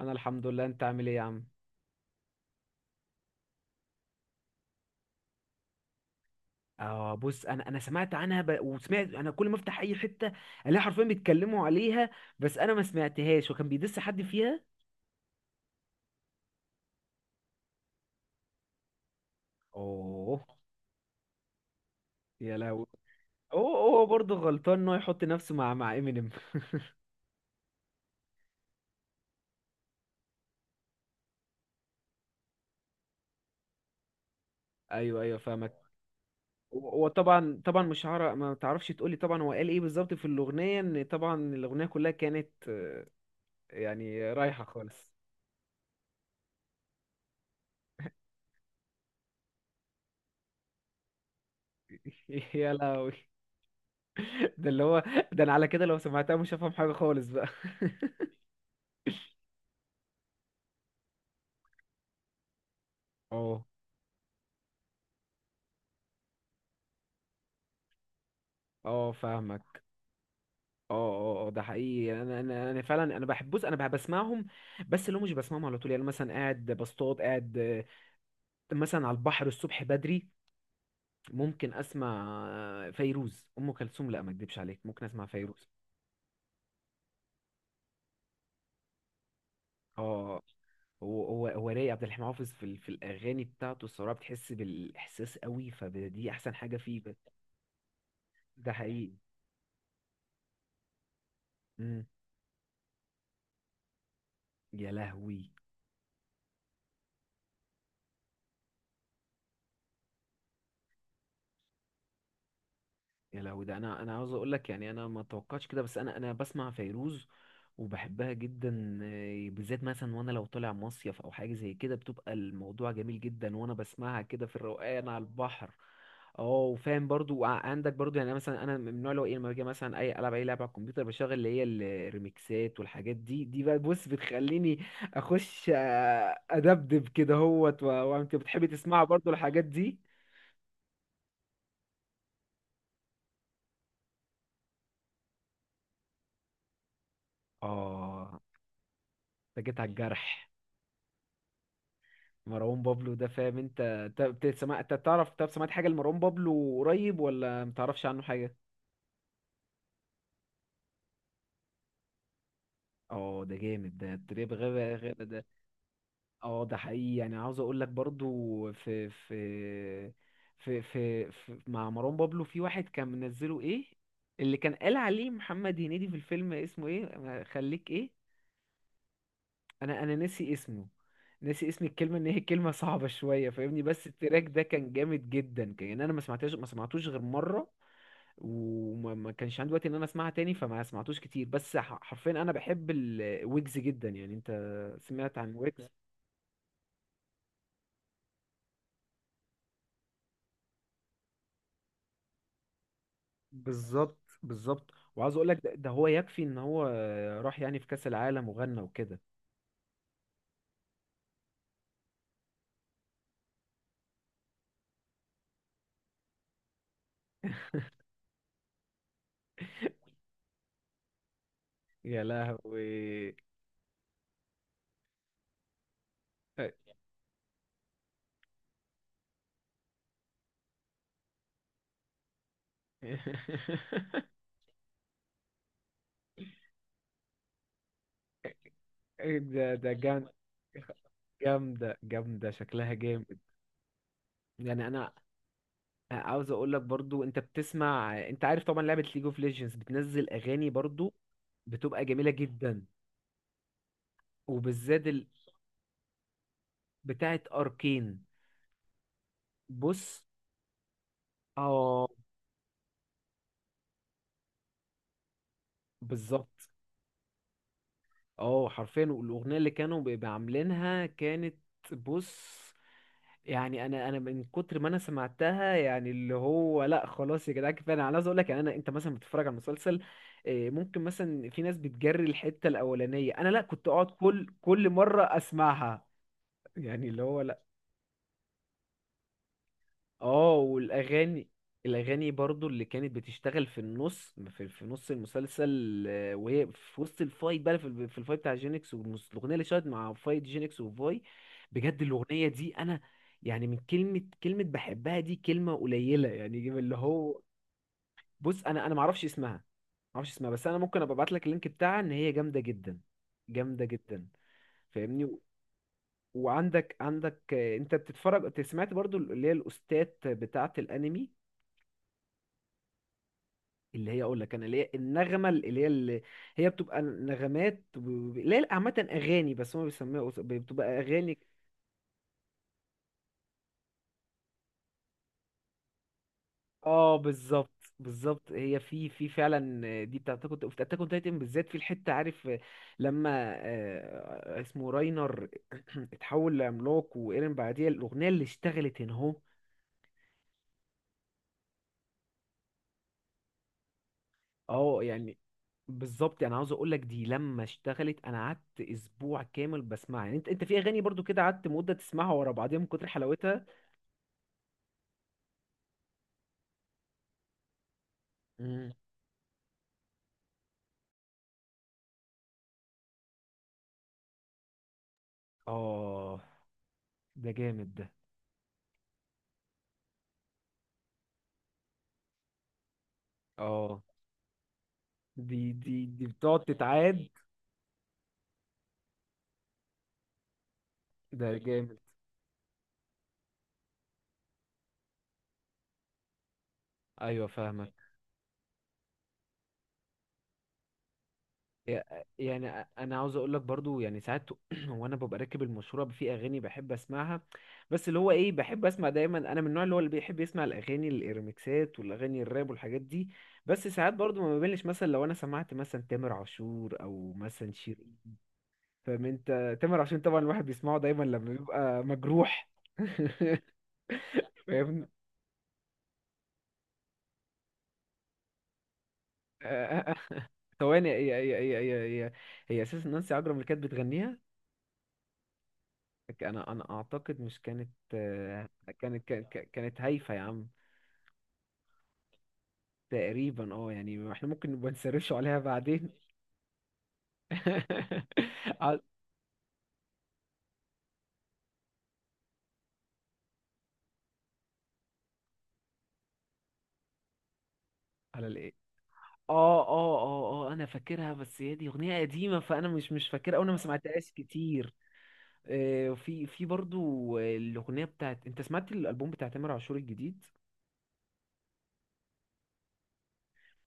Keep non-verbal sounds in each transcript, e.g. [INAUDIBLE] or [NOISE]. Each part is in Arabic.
انا الحمد لله، انت عامل ايه يا عم؟ اه، بص، انا سمعت عنها، وسمعت انا كل ما افتح اي حته الاقي حرفيا بيتكلموا عليها. بس انا ما سمعتهاش، وكان بيدس حد فيها. اوه. يا لهوي. هو برضه غلطان ان هو يحط نفسه مع امينيم. ايوه، ايوه، فاهمك. هو طبعا، طبعا مش هعرف. ما تعرفش تقولي طبعا هو قال ايه بالظبط في الاغنيه؟ ان طبعا الاغنيه كلها كانت يعني رايحه خالص. [LAUGHS] يا لهوي. ده اللي هو، ده انا على كده لو سمعتها مش هفهم حاجه خالص بقى. اه، اه، فاهمك. اه، اه، اه، ده حقيقي. يعني انا فعلا انا بحب. بص انا بسمعهم. بس اللي هو مش بسمعهم على طول. يعني مثلا قاعد بصطاد، قاعد مثلا على البحر الصبح بدري. ممكن اسمع فيروز ام كلثوم. لا، ما اكدبش عليك، ممكن اسمع فيروز. اه. هو رايق عبد الحليم حافظ في الاغاني بتاعته. الصراحه بتحس بالاحساس قوي، فدي احسن حاجه فيه. ده حقيقي. مم. يا لهوي. يا لهوي. ده انا عاوز اقول لك. يعني انا ما توقعتش كده، بس انا بسمع فيروز وبحبها جدا، بالذات مثلا وانا لو طالع مصيف او حاجه زي كده بتبقى الموضوع جميل جدا وانا بسمعها كده في الروقان على البحر. اه، وفاهم برضو. وعندك برضو، يعني أنا مثلا انا من النوع اللي هو ايه، لما باجي مثلا اي العب اي لعبه على الكمبيوتر بشغل اللي هي الريميكسات والحاجات دي بقى. بص، بتخليني اخش ادبدب كده هوت وانت بتحبي تسمعها برضو الحاجات دي. اه، انت جيت على الجرح. مروان بابلو ده، فاهم؟ انت بتسمع. انت تعرف، طب سمعت حاجه لمروان بابلو قريب، ولا متعرفش عنه حاجه؟ اه، ده جامد. ده التريب، غابة، غابة ده. اه، ده حقيقي. يعني عاوز اقول لك برضو، في مع مروان بابلو في واحد كان منزله ايه، اللي كان قال عليه محمد هنيدي في الفيلم اسمه ايه، خليك ايه. انا ناسي اسمه، ناسي اسم الكلمه، ان هي كلمه صعبه شويه، فاهمني. بس التراك ده كان جامد جدا، كان يعني انا ما سمعتوش غير مره. وما ما كانش عندي وقت ان انا اسمعها تاني، فما سمعتوش كتير. بس حرفيا انا بحب الويجز جدا. يعني انت سمعت عن ويجز؟ بالظبط، بالظبط. وعاوز اقول لك ده هو يكفي ان هو راح يعني في كاس العالم وغنى وكده. يا لهوي. [LAUGHS] إيه ده جامد. جامدة، جامدة، شكلها جامد. يعني انا عاوز اقول لك برضو، انت بتسمع، انت عارف طبعا لعبة ليج اوف ليجندز بتنزل اغاني برضو. بتبقى جميلة جدا، وبالذات بتاعة اركين. بص. اه، بالظبط. اه، حرفيا، والاغنية اللي كانوا بيبقى عاملينها كانت. بص. يعني انا من كتر ما انا سمعتها، يعني اللي هو لا خلاص يا جدعان كفايه. انا عايز اقول لك يعني، انا انت مثلا بتتفرج على مسلسل، ممكن مثلا في ناس بتجري الحته الاولانيه. انا لا، كنت اقعد كل مره اسمعها يعني اللي هو. اه، والاغاني، برضو اللي كانت بتشتغل في النص في نص المسلسل، وهي في وسط الفايت بقى في الفايت بتاع جينكس، الاغنيه اللي شغالة مع فايت جينكس وفاي. بجد الاغنيه دي انا، يعني من كلمه كلمه بحبها، دي كلمه قليله يعني اللي هو. بص، انا ما اعرفش اسمها، ما اعرفش اسمها. بس انا ممكن ابقى ابعت لك اللينك بتاعها، ان هي جامده جدا، جامده جدا، فاهمني. وعندك انت بتتفرج، انت سمعت برضو اللي هي الاستاذ بتاعه الانمي؟ اللي هي، اقول لك انا، اللي هي النغمه، اللي هي بتبقى نغمات، اللي هي عامه اغاني، بس هم بيسموها بتبقى اغاني. اه، بالظبط، بالظبط. هي في فعلا دي بتاعت كنت في اتاك اون تايتن، بالذات في الحته عارف لما اسمه راينر [CLEARS THROAT] اتحول لعملاق وايرين، بعديها الاغنيه اللي اشتغلت هنا اهو. اه، يعني بالظبط. يعني عاوز اقول لك دي لما اشتغلت انا قعدت اسبوع كامل بسمعها. يعني انت في اغاني برضو كده قعدت مده تسمعها ورا بعضيها من كتر حلاوتها. مم. اه، ده جامد ده. اه، دي بتقعد تتعاد. ده جامد. ايوه، فاهمك. يعني انا عاوز اقول لك برضو، يعني ساعات [CLEARS THROAT] وانا ببقى راكب المشوره في اغاني بحب اسمعها. بس اللي هو ايه، بحب اسمع دايما. انا من النوع اللي هو اللي بيحب يسمع الاغاني الريمكسات والاغاني الراب والحاجات دي. بس ساعات برضو ما بملش، مثلا لو انا سمعت مثلا تامر عاشور، او مثلا شيرين. فاهم انت، تامر عاشور طبعا الواحد بيسمعه دايما لما بيبقى مجروح. [LAUGHS] فاهمني. [LAUGHS] ثواني، هي اساسا نانسي عجرم اللي كانت بتغنيها. انا اعتقد مش كانت، كانت كانت هايفه يا عم. تقريبا، اه، يعني احنا ممكن نبقى نسرش عليها بعدين. [LAUGHS] على على الايه؟ اه، اه، اه، اه، انا فاكرها. بس هي دي اغنيه قديمه، فانا مش فاكرها، او انا ما سمعتهاش كتير. في برضو، الاغنيه بتاعت، انت سمعت الالبوم بتاع تامر عاشور الجديد؟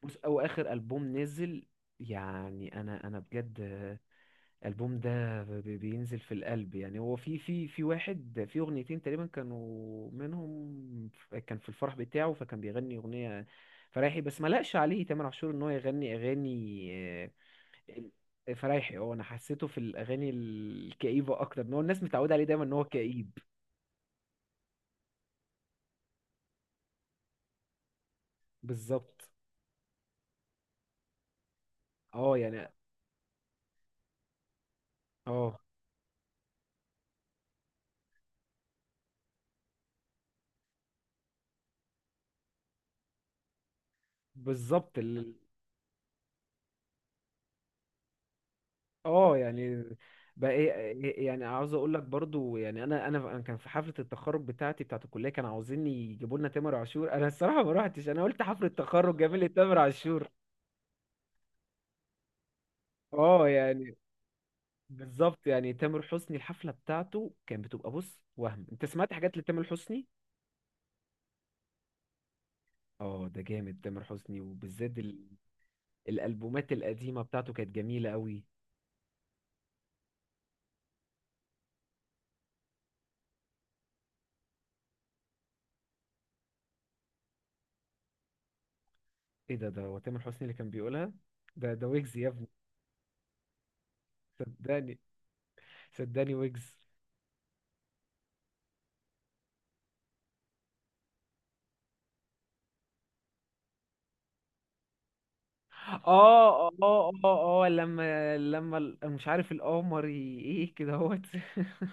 بص، او اخر البوم نزل. يعني انا بجد الالبوم ده بينزل في القلب. يعني هو في واحد، في اغنيتين تقريبا كانوا منهم، كان في الفرح بتاعه فكان بيغني اغنيه فرايحي. بس ما لقش عليه تامر عاشور ان هو يغني اغاني فرايحي. اه، انا حسيته في الاغاني الكئيبه اكتر، ان هو الناس متعوده عليه دايما ان هو كئيب. بالظبط. اه، يعني. اه، بالظبط. اه، يعني بقى ايه، يعني عاوز اقول لك برضو، يعني انا كان في حفله التخرج بتاعتي بتاعت الكليه كانوا عاوزين يجيبوا لنا تامر عاشور. انا الصراحه ما روحتش، انا قلت حفله تخرج جميل لي تامر عاشور؟ اه، يعني بالظبط. يعني تامر حسني الحفله بتاعته كانت بتبقى بص وهم، انت سمعت حاجات لتامر حسني؟ اه، ده جامد تامر حسني. وبالذات الالبومات القديمه بتاعته كانت جميله قوي. ايه؟ ده هو تامر حسني اللي كان بيقولها؟ ده ويجز يا ابني. صدقني، صدقني ويجز. اه. [LAUGHS] اه، اه، اه، لما مش عارف القمر ايه كده اهوت. [LAUGHS]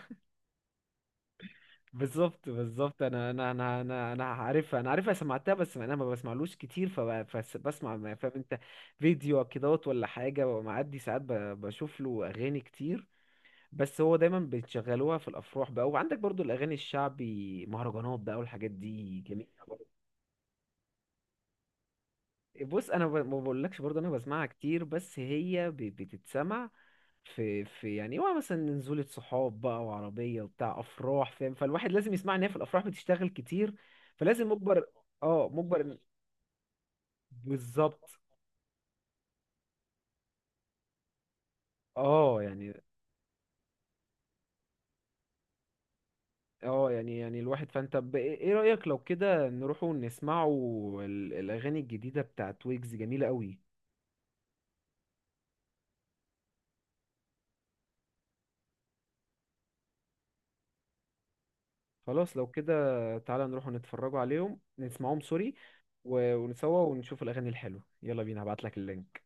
بالظبط، بالظبط. انا عارفها، انا عارفها، سمعتها. بس انا ما بسمعلوش كتير، فبسمع ما فاهم انت فيديو كدهوت ولا حاجه، ومعدي ساعات بشوف له اغاني كتير. بس هو دايما بتشغلوها في الافراح بقى. وعندك برضو الاغاني الشعبي، مهرجانات بقى والحاجات دي جميله برضو. بص، انا ما بقولكش برضو انا بسمعها كتير، بس هي بتتسمع في يعني هو مثلا نزولة صحاب بقى وعربية وبتاع أفراح، فاهم، فالواحد لازم يسمع إن هي في الأفراح بتشتغل كتير، فلازم مجبر. اه، مجبر بالظبط. اه، يعني. اه، يعني الواحد، فانت ايه رأيك لو كده نروحوا نسمعوا الأغاني الجديدة بتاعت ويجز؟ جميلة قوي. خلاص، لو كده تعالى نروحوا نتفرجوا عليهم، نسمعهم سوري ونسوا ونشوف الأغاني الحلوة. يلا بينا، هبعتلك اللينك.